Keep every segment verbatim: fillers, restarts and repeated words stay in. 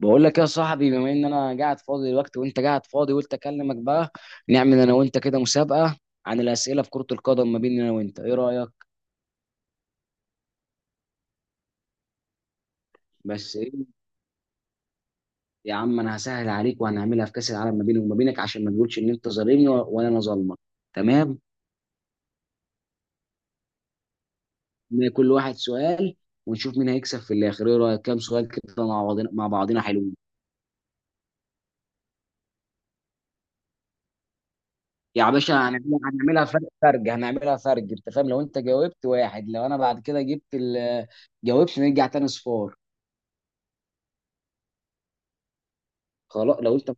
بقول لك يا صاحبي، بما ان انا قاعد فاضي دلوقتي وانت قاعد فاضي، قلت اكلمك بقى. نعمل انا وانت كده مسابقه عن الاسئله في كره القدم ما بيننا انا وانت، ايه رايك؟ بس ايه؟ يا عم انا هسهل عليك وهنعملها في كاس العالم ما بيني وما بينك، عشان ما تقولش ان انت ظالمني و- ولا انا ظالمك. تمام. إن كل واحد سؤال ونشوف مين هيكسب في الاخر. ايه رايك؟ كام سؤال كده مع بعضنا مع بعضنا حلوين. يا باشا هنعملها هنعملها فرق فرق هنعملها فرق، انت فاهم؟ لو انت جاوبت واحد، لو انا بعد كده جبت ال... جاوبت، نرجع تاني صفار. خلاص لو انت،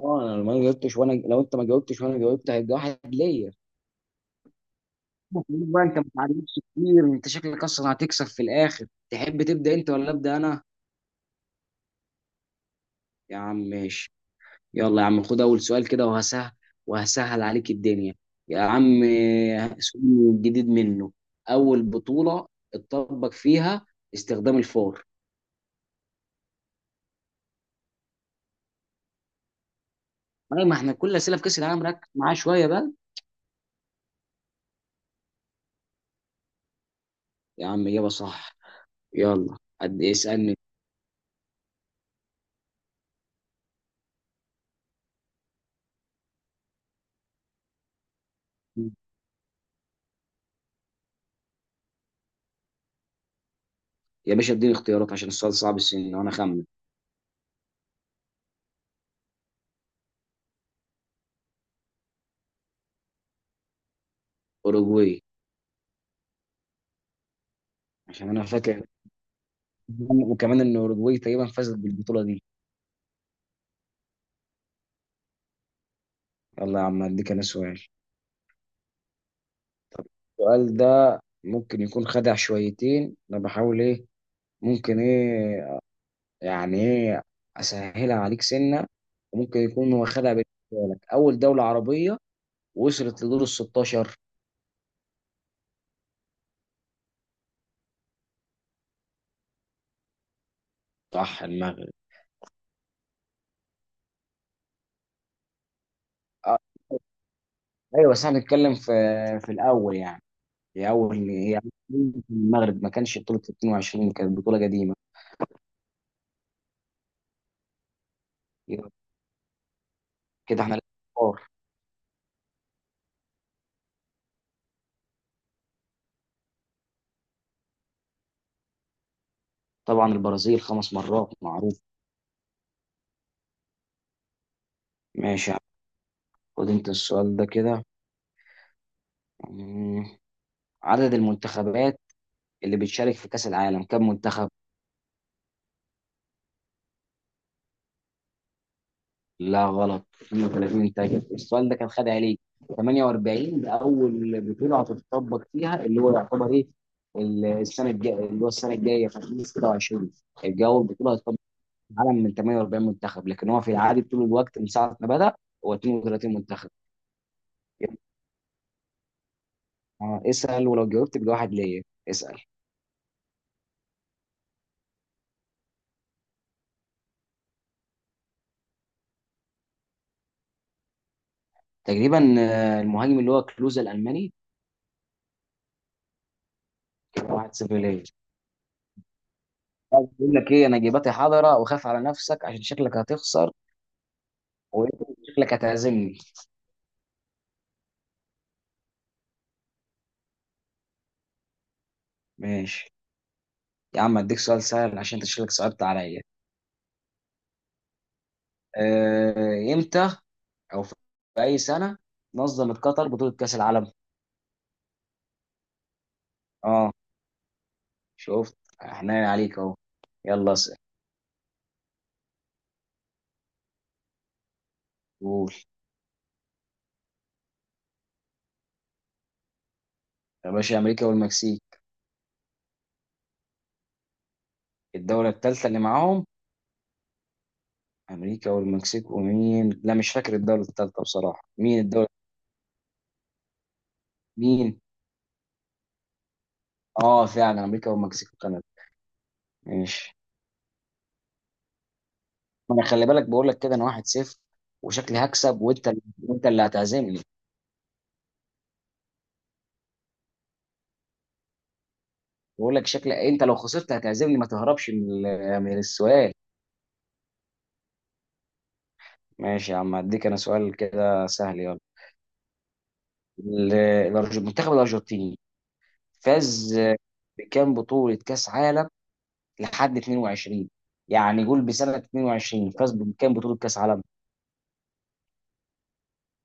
اه انا لو ما جاوبتش وانا، لو انت ما جاوبتش وانا جاوبت هيبقى واحد ليا. بقول بقى، انت ما تعلمتش كتير، انت شكلك اصلا هتكسب في الاخر. تحب تبدا انت ولا ابدا انا؟ يا عم ماشي. يلا يا عم خد اول سؤال كده، وهسهل وهسهل عليك الدنيا. يا عم آه، سؤال جديد منه. اول بطوله اتطبق فيها استخدام الفار؟ اي، ما احنا كل اسئله في كاس العالم، ركز معاه شويه بقى. يا عم اجابه صح. يلا قد اسالني. يا باشا اديني اختيارات، عشان السؤال صعب السن وانا خمن. اوروجواي. عشان انا فاكر، وكمان ان اوروجواي تقريبا فازت بالبطوله دي. يلا يا عم اديك انا سؤال. السؤال ده ممكن يكون خدع شويتين، انا بحاول ايه، ممكن ايه، يعني ايه، اسهلها عليك سنه، وممكن يكون هو خدع بالنسبه لك. اول دوله عربيه وصلت لدور ال ستاشر؟ صح، المغرب. أه، ايوه بس احنا بنتكلم في في الاول يعني. هي اول هي أول بطولة في المغرب، ما كانش بطوله اتنين وعشرين، كانت بطوله قديمه. يبقى كده احنا. طبعا البرازيل خمس مرات، معروف. ماشي، خد انت السؤال ده كده. مم. عدد المنتخبات اللي بتشارك في كأس العالم كم منتخب؟ لا غلط، اتنين وتلاتين. تاجر السؤال ده كان، خد عليك. تمنية واربعين ده أول بطولة هتتطبق فيها، اللي هو يعتبر إيه، ال- السنة الجاية، اللي هو السنة الجاية في الفين وستة وعشرين الجو البطولة هتطبق في العالم من تمنية واربعين منتخب، لكن هو في العادي طول الوقت من ساعة ما بدأ هو اثنين وثلاثين منتخب. يبقى اسأل، ولو جاوبت بواحد ليا. اسأل. تقريبا آه، المهاجم اللي هو كلوزا الالماني. كده واحد صفر ليا. بقول لك ايه، انا جيباتي حاضره، وخاف على نفسك عشان شكلك هتخسر، وشكلك هتعزمني. ماشي يا عم اديك سؤال سهل، عشان انت شكلك صعبت عليا. آه، امتى او في اي سنه نظمت قطر بطوله كاس العالم؟ اه. شفت، احنا عليك اهو. يلا اسال. قول. يا باشا، امريكا والمكسيك. الدوله الثالثه اللي معاهم. امريكا والمكسيك ومين؟ لا مش فاكر الدوله الثالثه بصراحه، مين الدوله؟ مين؟ اه فعلا، امريكا والمكسيك وكندا. ماشي. ما انا خلي بالك، بقول لك كده انا واحد صفر، وشكلي هكسب، وانت اللي- وانت اللي هتعزمني. بقول لك شكلي انت لو خسرت هتعزمني. ما تهربش من ال- من السؤال. ماشي يا عم هديك انا سؤال كده سهل، يلا. ال- الأرج- المنتخب الارجنتيني فاز بكام بطولة كاس عالم لحد اتنين وعشرين؟ يعني قول بسنة اتنين وعشرين فاز بكام بطولة كاس عالم؟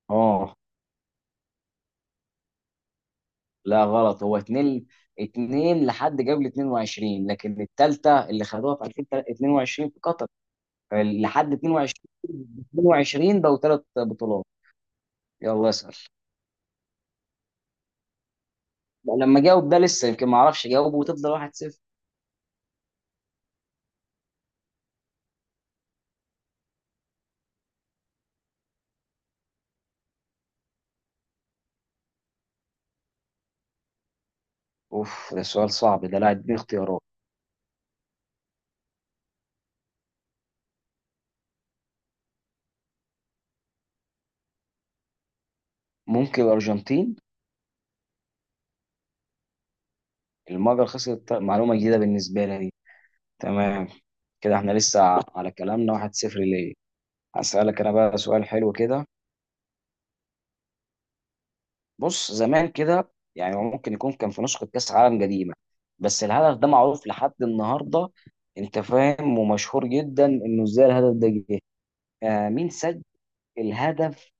اه. لا غلط، هو اتنين. اتنين لحد قبل اتنين وعشرين، لكن التالتة اللي خدوها في الفين واتنين وعشرين في قطر. لحد اتنين وعشرين، اتنين وعشرين بقوا ثلاث بطولات. يلا اسأل. لا، لما جاوب ده لسه، يمكن ما اعرفش اجاوبه وتفضل واحد صفر. اوف ده سؤال صعب ده، لا اديني اختيارات. ممكن الارجنتين. المجر خسرت؟ معلومة جديدة بالنسبة لي دي. تمام. كده احنا لسه على كلامنا واحد صفر ليه. هسألك انا بقى سؤال حلو كده. بص، زمان كده، يعني هو ممكن يكون كان في نسخة كأس عالم قديمة، بس الهدف ده معروف لحد النهاردة، انت فاهم، ومشهور جدا انه ازاي الهدف ده جه. آه مين سجل الهدف،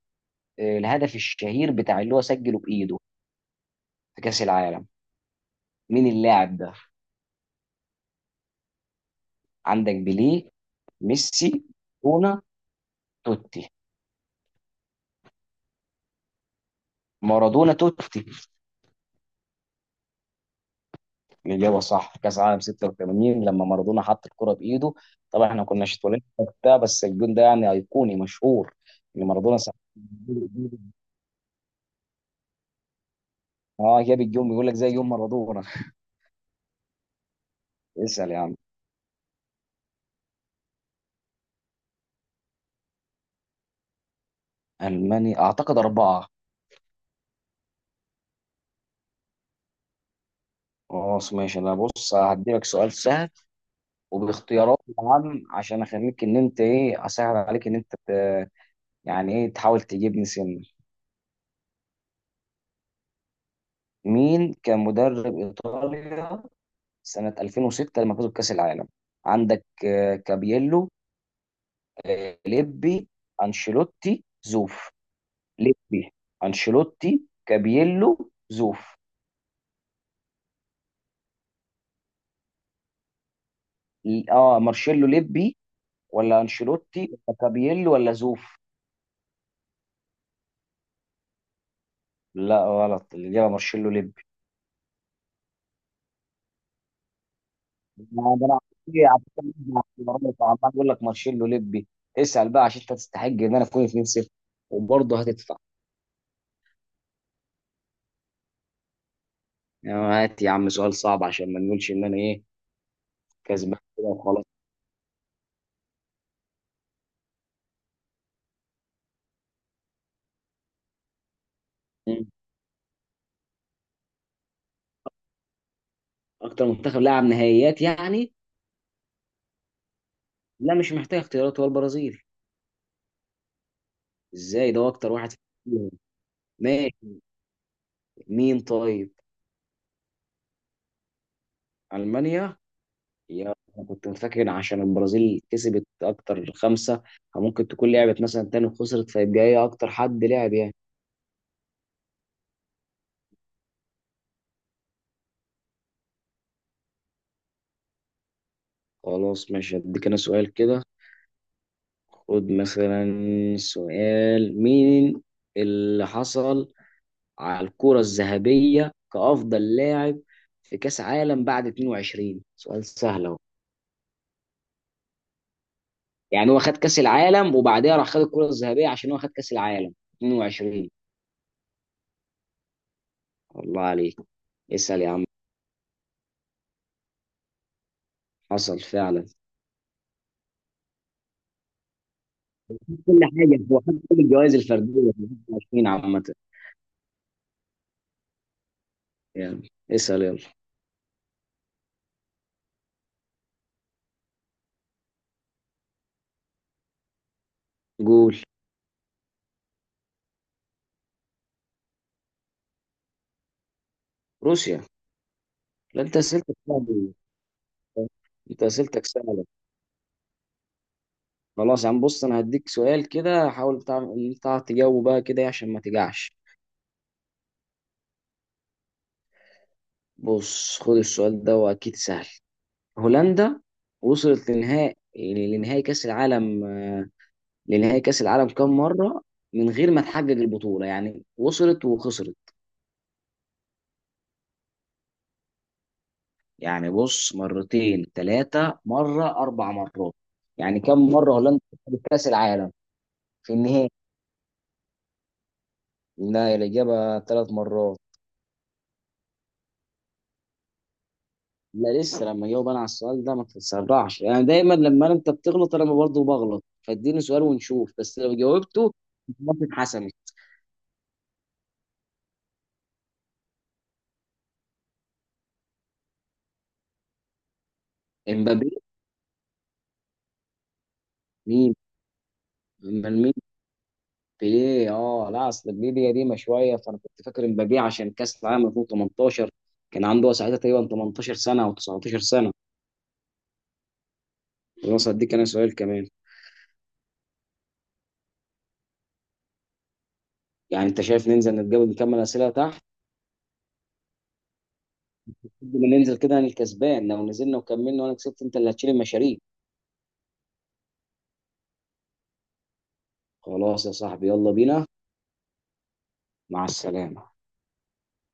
آه الهدف الشهير بتاع اللي هو سجله بإيده في كأس العالم؟ مين اللاعب ده؟ عندك بيليه، ميسي، مارادونا، توتي. مارادونا توتي الإجابة صح، كأس عالم ستة وتمانين لما مارادونا حط الكرة بإيده. طبعا احنا كناش اتولدنا وقتها، بس الجون ده يعني أيقوني مشهور. إن مارادونا ساعتها اه جاب الجون، بيقول لك زي يوم مارادونا. اسأل يا عم. ألماني أعتقد أربعة. خلاص ماشي. أنا بص هديلك سؤال سهل، وباختيارات طبعا، عشان أخليك إن أنت إيه أسهل عليك، إن أنت ت- يعني إيه، تحاول تجيبني سن. مين كان مدرب إيطاليا سنة الفين وستة لما فازوا بكأس العالم؟ عندك آه، كابيلو، آه، ليبي، انشيلوتي، زوف. ليبي، انشيلوتي، كابييلو، زوف. ل- اه مارشيلو ليبي، ولا انشيلوتي، ولا كابييلو، ولا زوف؟ لا غلط، الاجابه مارشيلو ليبي. ما ده انا عمال عمال- عمال عمال اقول لك مارشيلو ليبي. اسال بقى، عشان انت تستحق ان انا اكون اتنين صفر، وبرضه هتدفع. يعني هات يا عم سؤال صعب، عشان ما نقولش ان انا ايه كسبان كده وخلاص. مم. اكتر منتخب لعب نهائيات يعني؟ لا مش محتاج اختيارات، هو البرازيل. ازاي ده اكتر واحد فيهم. ماشي، مين طيب؟ المانيا. يا أنا كنت فاكر عشان البرازيل كسبت اكتر، خمسه، ممكن تكون لعبت مثلا تاني وخسرت، فيبقى هي اكتر حد لعب يعني. خلاص ماشي، اديك انا سؤال كده. خد مثلا سؤال، مين اللي حصل على الكرة الذهبية كأفضل لاعب في كأس عالم بعد اتنين وعشرين؟ سؤال سهل اهو، يعني هو خد كأس العالم وبعدها راح خد الكرة الذهبية، عشان هو خد كأس العالم اتنين وعشرين. الله عليك. اسأل يا عم. حصل فعلا. كل حاجة، هو حتى كل الجوائز الفردية في الفين وعشرين عامة. يعني اسأل يلا. قول. روسيا. لا انت اسئلتك سهلة، انت اسئلتك سهلة. خلاص يا عم بص، انا هديك سؤال كده حاول بتاع إن بتاع تجاوبه بقى كده إيه، عشان ما تجعش. بص خد السؤال ده واكيد سهل. هولندا وصلت لنهائي لنهائي كأس العالم آه، لنهائي كأس العالم كام مرة، من غير ما تحقق البطولة؟ يعني وصلت وخسرت. يعني بص، مرتين، ثلاثة مرة، أربع مرات، يعني كم مرة هولندا خدت كأس العالم في النهائي؟ لا الإجابة ثلاث مرات. لا لسه، لما جاوب أنا على السؤال ده ما تتسرعش. يعني دايما لما أنت بتغلط أنا برضه بغلط، فاديني سؤال ونشوف، بس لو جاوبته خلاص اتحسمت. امبابي. مين؟ من مين؟ بيليه؟ اه لا، اصل بيليه قديمه شويه، فانا كنت فاكر امبابي عشان كاس العالم الفين وتمنتاشر كان عنده ساعتها تقريبا ثمانية عشر سنه او تسعة عشر سنه. الوسط دي كان سؤال كمان. يعني انت شايف ننزل نتقابل نكمل اسئله تحت؟ لما ننزل كده، انا الكسبان، لو نزلنا وكملنا وانا كسبت انت اللي هتشيل المشاريع. خلاص يا صاحبي يلا بينا. مع السلامه.